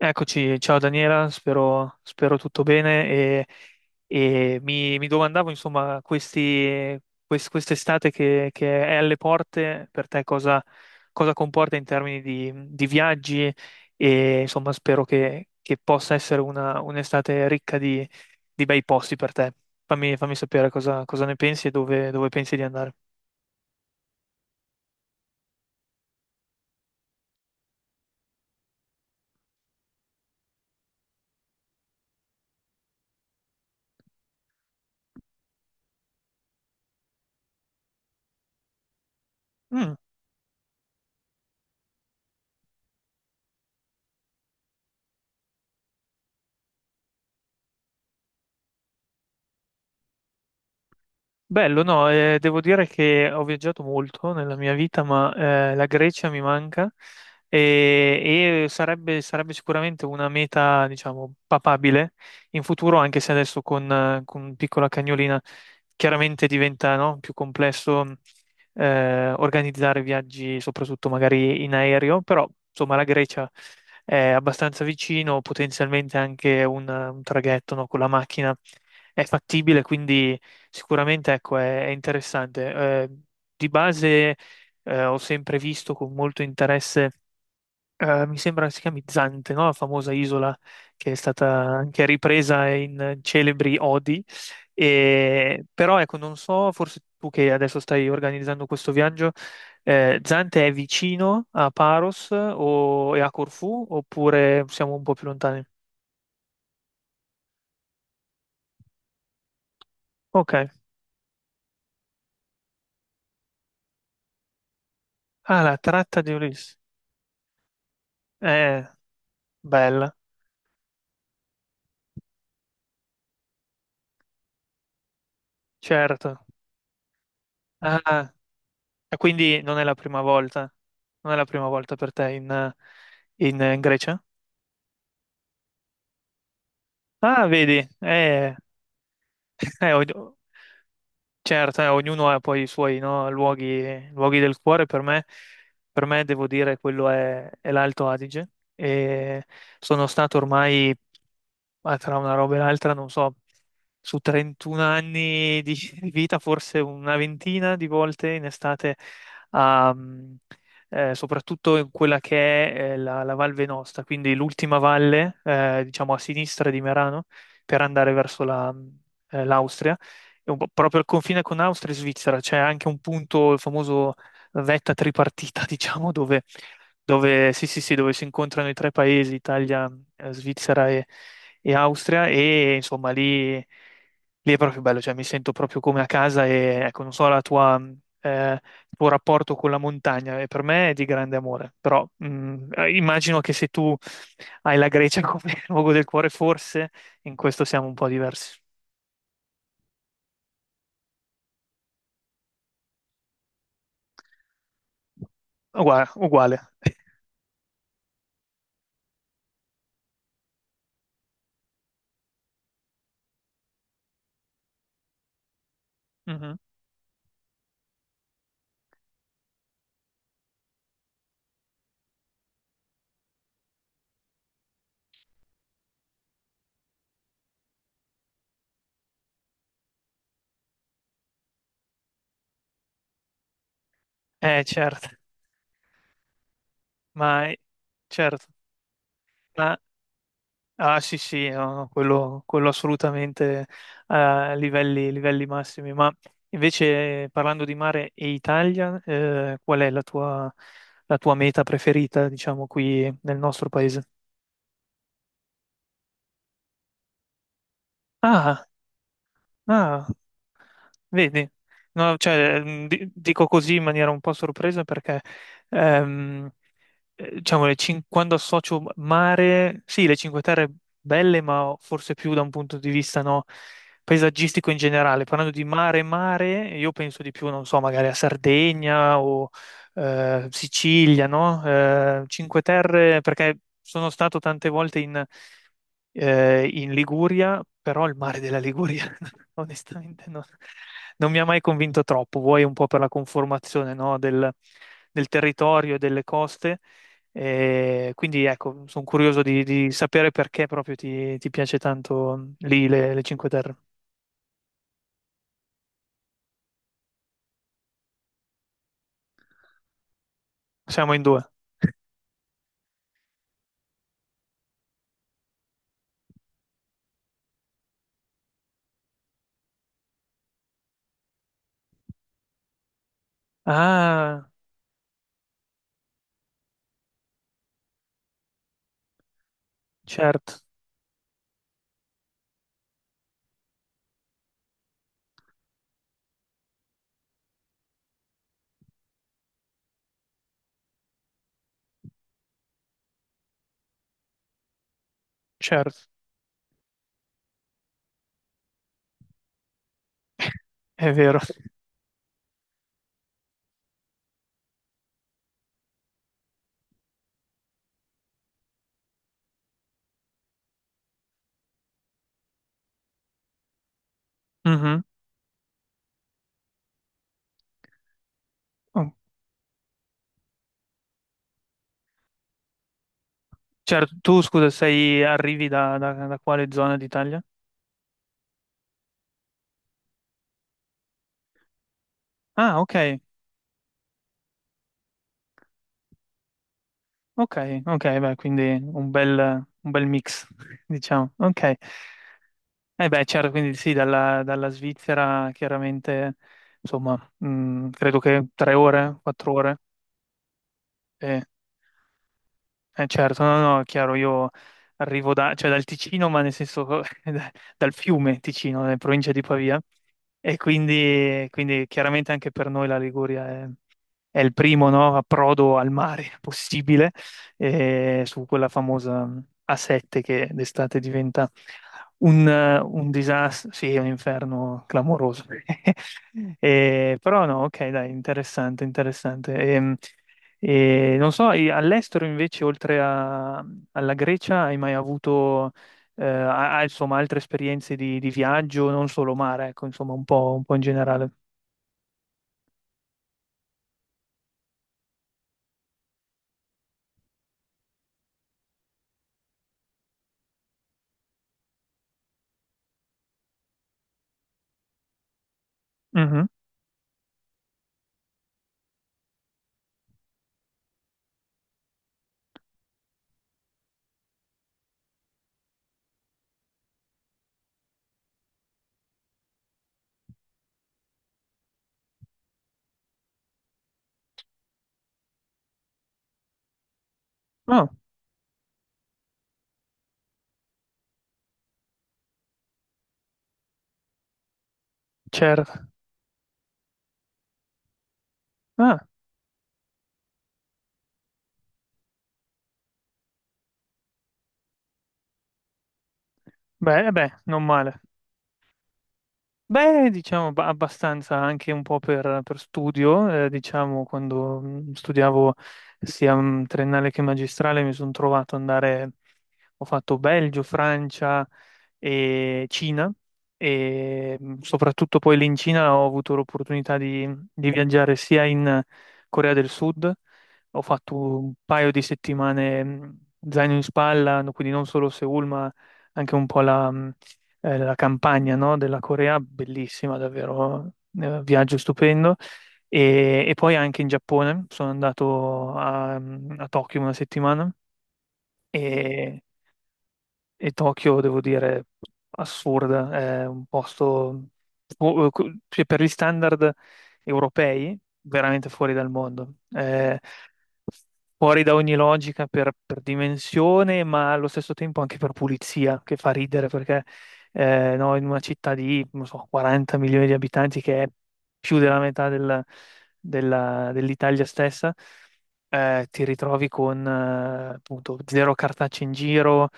Eccoci, ciao Daniela, spero tutto bene e mi domandavo insomma quest'estate che è alle porte per te cosa comporta in termini di viaggi e insomma spero che possa essere un'estate ricca di bei posti per te. Fammi sapere cosa ne pensi e dove pensi di andare. Bello, no, devo dire che ho viaggiato molto nella mia vita, ma la Grecia mi manca e sarebbe sicuramente una meta, diciamo, papabile in futuro, anche se adesso con piccola cagnolina chiaramente diventa, no, più complesso organizzare viaggi, soprattutto magari in aereo, però insomma la Grecia è abbastanza vicino, potenzialmente anche un traghetto, no, con la macchina è fattibile, quindi. Sicuramente, ecco, è interessante. Eh, di base, ho sempre visto con molto interesse, mi sembra si chiami Zante, no? La famosa isola che è stata anche ripresa in celebri odi. Però, ecco, non so, forse tu che adesso stai organizzando questo viaggio, Zante è vicino a Paros e a Corfù oppure siamo un po' più lontani? Ok. Ah, la tratta di Ulisse. Eh, Bella, certo. Ah, e quindi non è la prima volta, non è la prima volta per te in Grecia? Ah, vedi, eh, og- certo, ognuno ha poi i suoi, no, luoghi del cuore, per me devo dire quello è l'Alto Adige e sono stato ormai ma tra una roba e l'altra, non so, su 31 anni di di vita, forse una ventina di volte in estate, a, mm, soprattutto in quella che è la Val Venosta, quindi l'ultima valle, diciamo a sinistra di Merano, per andare verso l'Austria, e un po' proprio al confine con Austria e Svizzera, c'è anche un punto, il famoso vetta tripartita, diciamo, sì, sì, sì, dove si incontrano i tre paesi, Italia, Svizzera e Austria, e insomma lì è proprio bello, cioè mi sento proprio come a casa e ecco, non so il tuo rapporto con la montagna, e per me è di grande amore, però immagino che se tu hai la Grecia come luogo del cuore, forse in questo siamo un po' diversi. Uguale, uguale. Mhm. Certo, ma certo. Ma Ah, sì, sì, no, no, quello assolutamente a livelli massimi, ma invece parlando di mare e Italia, qual è la tua meta preferita, diciamo, qui nel nostro paese? Ah, ah, vedi, no, cioè, dico così in maniera un po' sorpresa perché diciamo, quando associo mare, sì, le Cinque Terre belle, ma forse più da un punto di vista no, paesaggistico in generale. Parlando di mare, mare, io penso di più, non so, magari a Sardegna o Sicilia, no? Cinque Terre, perché sono stato tante volte in Liguria, però il mare della Liguria onestamente non mi ha mai convinto troppo, vuoi un po' per la conformazione, no, del territorio e delle coste, quindi ecco, sono curioso di sapere perché proprio ti piace tanto lì le Cinque Terre. Siamo in due. Ah, certo, certo, è vero. Mhm. Oh, certo, tu scusa, arrivi da quale zona d'Italia? Ah, ok. Ok, ok, beh, quindi un bel mix, diciamo. Ok. Eh beh, certo, quindi sì, dalla Svizzera chiaramente, insomma, credo che 3 ore, 4 ore. Eh, certo, no, no, è chiaro, io arrivo cioè dal Ticino, ma nel senso dal fiume Ticino, nella provincia di Pavia, e quindi chiaramente anche per noi la Liguria è il primo, no, approdo al mare possibile su quella famosa A7 che d'estate diventa un disastro, sì, è un inferno clamoroso. Però no, ok, dai, interessante, interessante. Non so, e all'estero invece, alla Grecia, hai mai avuto insomma, altre esperienze di viaggio, non solo mare, ecco, insomma, un po' in generale. Mhm. Ah, certo. Ah. Beh, non male. Beh, diciamo abbastanza anche un po' per studio, diciamo quando studiavo sia triennale che magistrale mi sono trovato ad andare, ho fatto Belgio, Francia e Cina e soprattutto poi lì in Cina ho avuto l'opportunità di viaggiare sia in Corea del Sud, ho fatto un paio di settimane zaino in spalla, quindi non solo Seoul ma anche un po' la campagna, no, della Corea, bellissima, davvero, viaggio stupendo. E poi anche in Giappone, sono andato a Tokyo una settimana e e Tokyo, devo dire, assurda, è un posto fu- cioè, per gli standard europei veramente fuori dal mondo, è fuori da ogni logica per dimensione, ma allo stesso tempo anche per pulizia, che fa ridere perché no, in una città di, non so, 40 milioni di abitanti, che è più della metà dell'Italia stessa, ti ritrovi con appunto zero cartacce in giro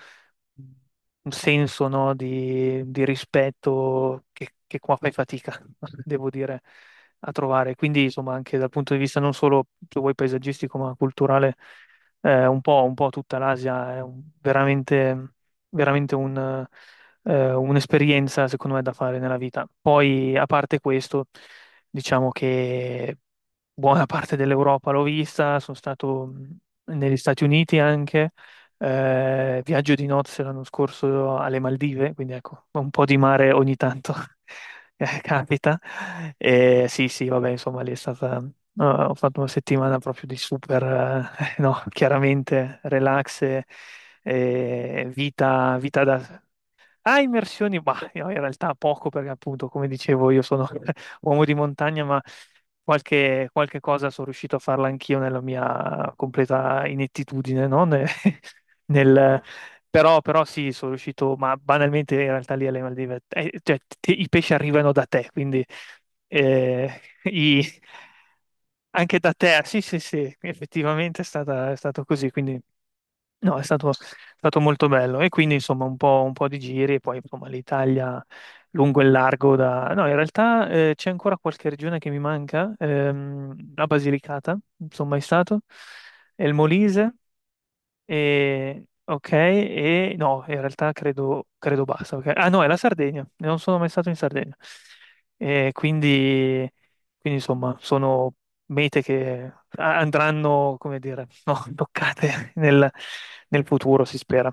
un senso, no, di rispetto che qua fai fatica, devo dire, a trovare. Quindi, insomma, anche dal punto di vista non solo, se vuoi, paesaggistico, ma culturale, un po' tutta l'Asia veramente, veramente un'esperienza, secondo me, da fare nella vita. Poi, a parte questo, diciamo che buona parte dell'Europa l'ho vista, sono stato negli Stati Uniti anche viaggio di nozze l'anno scorso alle Maldive, quindi ecco, un po' di mare ogni tanto capita. E sì, sì, vabbè, insomma, lì è stata. No, ho fatto una settimana proprio di super, no, chiaramente relax e vita, vita da. Ah, immersioni, ma no, in realtà poco perché appunto, come dicevo, io sono uomo di montagna, ma qualche cosa sono riuscito a farla anch'io nella mia completa inettitudine, no? Nel- però sì, sono riuscito, ma banalmente in realtà lì alle Maldive, cioè, i pesci arrivano da te, quindi eh, i- anche da te, sì, sì, sì, effettivamente è stato così, quindi no, è stato molto bello e quindi insomma un po' di giri e poi insomma l'Italia lungo e largo da. No, in realtà c'è ancora qualche regione che mi manca, la Basilicata, non sono mai stato, e il Molise ok, e no, in realtà credo basta. Ah no, è la Sardegna, non sono mai stato in Sardegna. E quindi, insomma, sono mete che andranno, come dire, no, toccate nel futuro, si spera.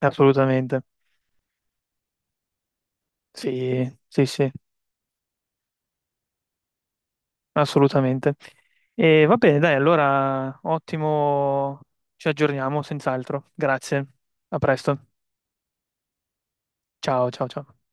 Assolutamente. Sì, sì, sì, assolutamente. E va bene, dai, allora, ottimo, ci aggiorniamo senz'altro. Grazie, a presto. Ciao, ciao, ciao.